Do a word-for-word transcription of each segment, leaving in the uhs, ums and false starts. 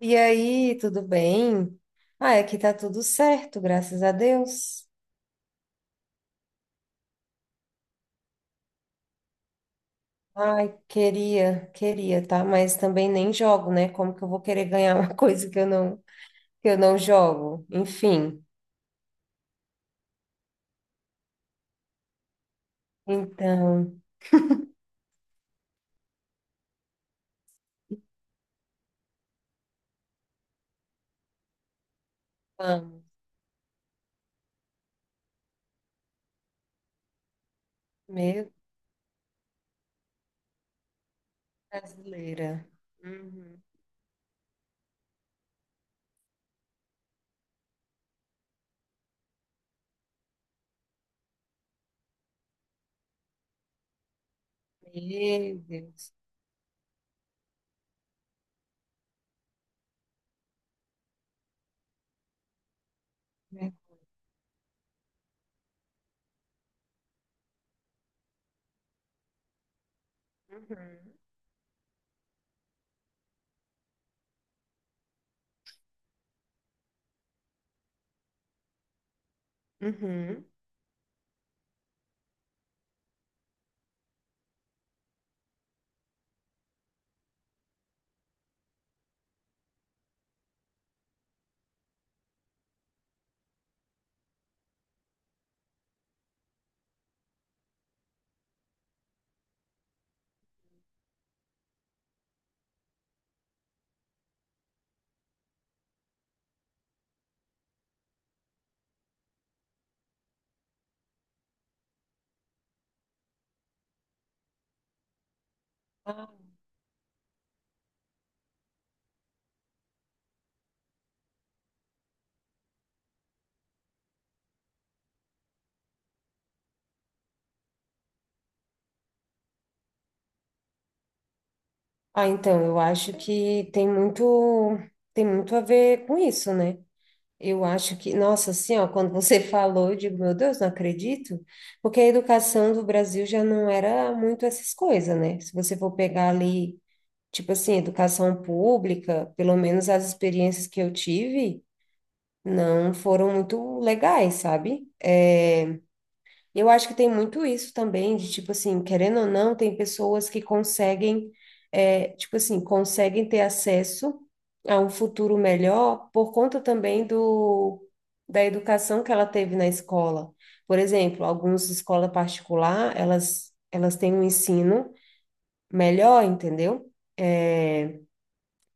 E aí, tudo bem? Ah, aqui tá tudo certo, graças a Deus. Ai, queria, queria, tá? Mas também nem jogo, né? Como que eu vou querer ganhar uma coisa que eu não, que eu não jogo? Enfim. Então, vamos. Meu brasileira. Uhum. Meu Deus. Né? Uhum. Uhum. Ah, então, eu acho que tem muito, tem muito a ver com isso, né? Eu acho que, nossa, assim, ó, quando você falou, eu digo, meu Deus, não acredito, porque a educação do Brasil já não era muito essas coisas, né? Se você for pegar ali, tipo assim, educação pública, pelo menos as experiências que eu tive, não foram muito legais, sabe? É, eu acho que tem muito isso também, de tipo assim, querendo ou não, tem pessoas que conseguem, é, tipo assim, conseguem ter acesso a um futuro melhor por conta também do, da educação que ela teve na escola. Por exemplo, algumas escolas particulares, elas, elas têm um ensino melhor, entendeu?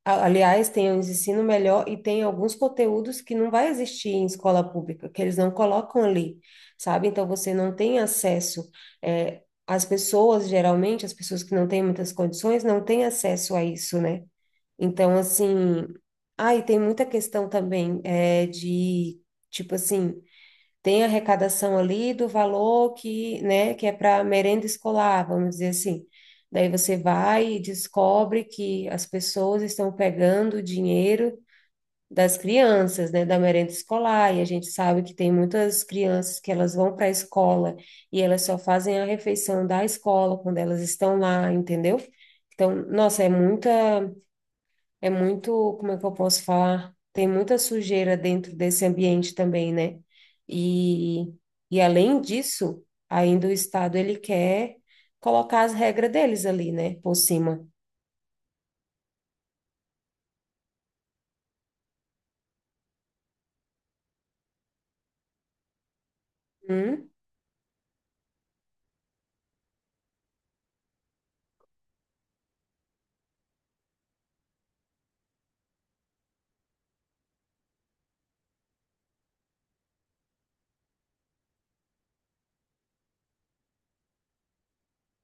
A- Aliás, tem um ensino melhor e tem alguns conteúdos que não vai existir em escola pública, que eles não colocam ali, sabe? Então você não tem acesso. Eh, as pessoas, geralmente, as pessoas que não têm muitas condições, não têm acesso a isso, né? Então, assim. Ah, e tem muita questão também eh, de, tipo assim, tem a arrecadação ali do valor que, né, que é para merenda escolar, vamos dizer assim. Daí você vai e descobre que as pessoas estão pegando o dinheiro das crianças, né, da merenda escolar, e a gente sabe que tem muitas crianças que elas vão para a escola e elas só fazem a refeição da escola quando elas estão lá, entendeu? Então, nossa, é muita, é muito, como é que eu posso falar? Tem muita sujeira dentro desse ambiente também, né? E, e além disso, ainda o Estado ele quer colocar as regras deles ali, né? Por cima. Hum?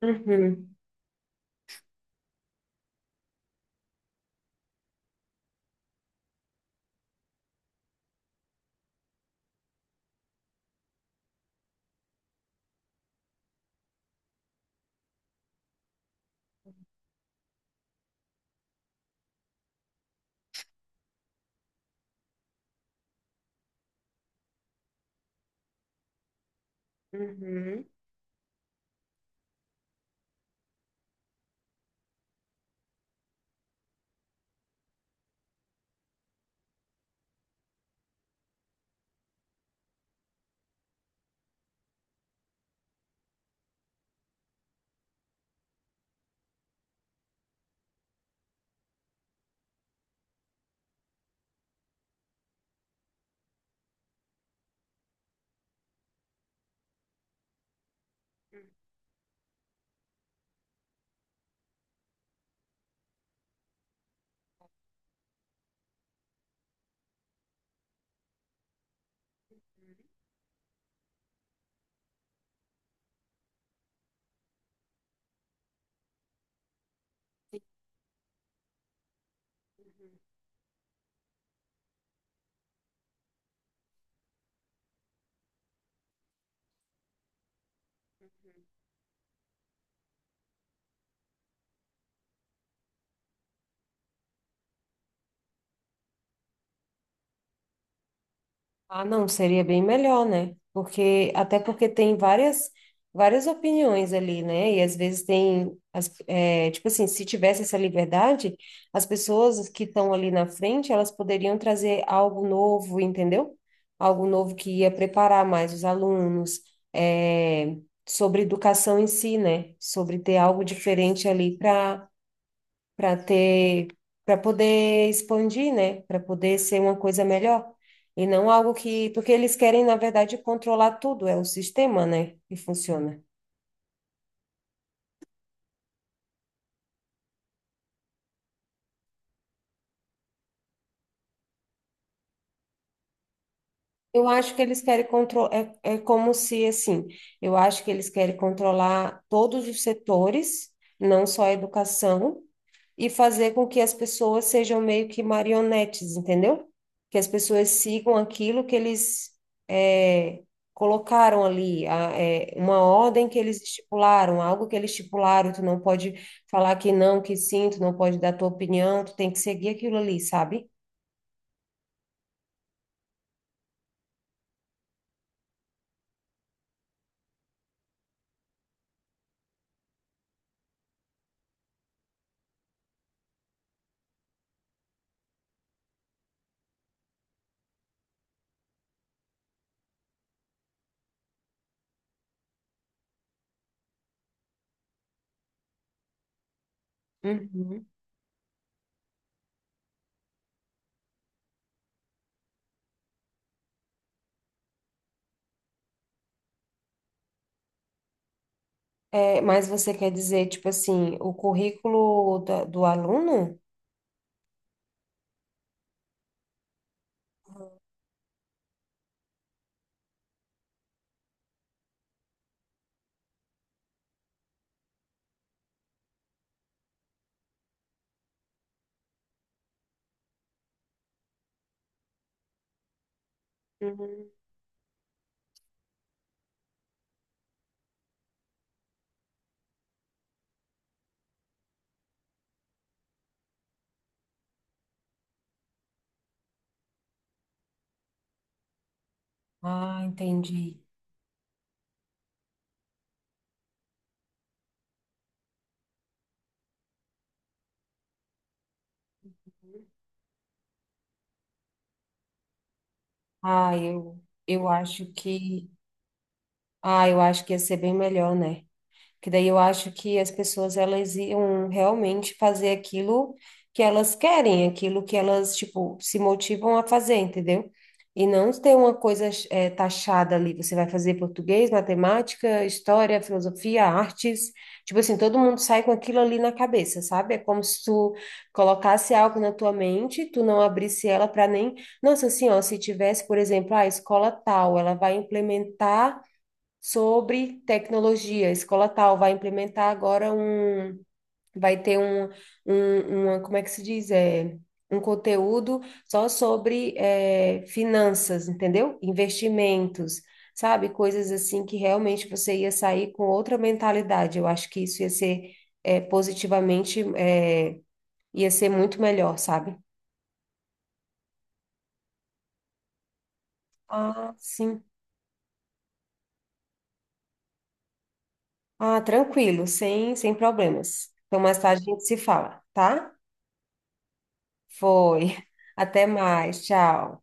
Uhum. Uhum. Ah, não, seria bem melhor, né? Porque até porque tem várias, várias opiniões ali, né? E às vezes tem as, é, tipo assim, se tivesse essa liberdade, as pessoas que estão ali na frente, elas poderiam trazer algo novo, entendeu? Algo novo que ia preparar mais os alunos, é, sobre educação em si, né? Sobre ter algo diferente ali para ter, para poder expandir, né? Para poder ser uma coisa melhor. E não algo que, porque eles querem, na verdade, controlar tudo, é o sistema, né? Que funciona. Eu acho que eles querem controlar, é, é como se, assim, eu acho que eles querem controlar todos os setores, não só a educação, e fazer com que as pessoas sejam meio que marionetes, entendeu? Que as pessoas sigam aquilo que eles, é, colocaram ali, a- é, uma ordem que eles estipularam, algo que eles estipularam, tu não pode falar que não, que sim, tu não pode dar tua opinião, tu tem que seguir aquilo ali, sabe? Uhum. É, mas você quer dizer, tipo assim, o currículo da- do aluno? Uhum. Ah, entendi. Ah, eu, eu acho que, ah, eu acho que ia ser bem melhor, né? Que daí eu acho que as pessoas elas iam realmente fazer aquilo que elas querem, aquilo que elas, tipo, se motivam a fazer, entendeu? E não ter uma coisa eh, taxada ali. Você vai fazer português, matemática, história, filosofia, artes. Tipo assim, todo mundo sai com aquilo ali na cabeça, sabe? É como se tu colocasse algo na tua mente, tu não abrisse ela para nem. Nossa, assim, ó, se tivesse, por exemplo, a escola tal, ela vai implementar sobre tecnologia. A escola tal vai implementar agora um, vai ter um, um uma, como é que se diz? É, um conteúdo só sobre é, finanças, entendeu? Investimentos, sabe? Coisas assim que realmente você ia sair com outra mentalidade. Eu acho que isso ia ser é, positivamente, é, ia ser muito melhor, sabe? Ah, sim. Ah, tranquilo, sem, sem problemas. Então, mais tarde a gente se fala, tá? Foi. Até mais. Tchau.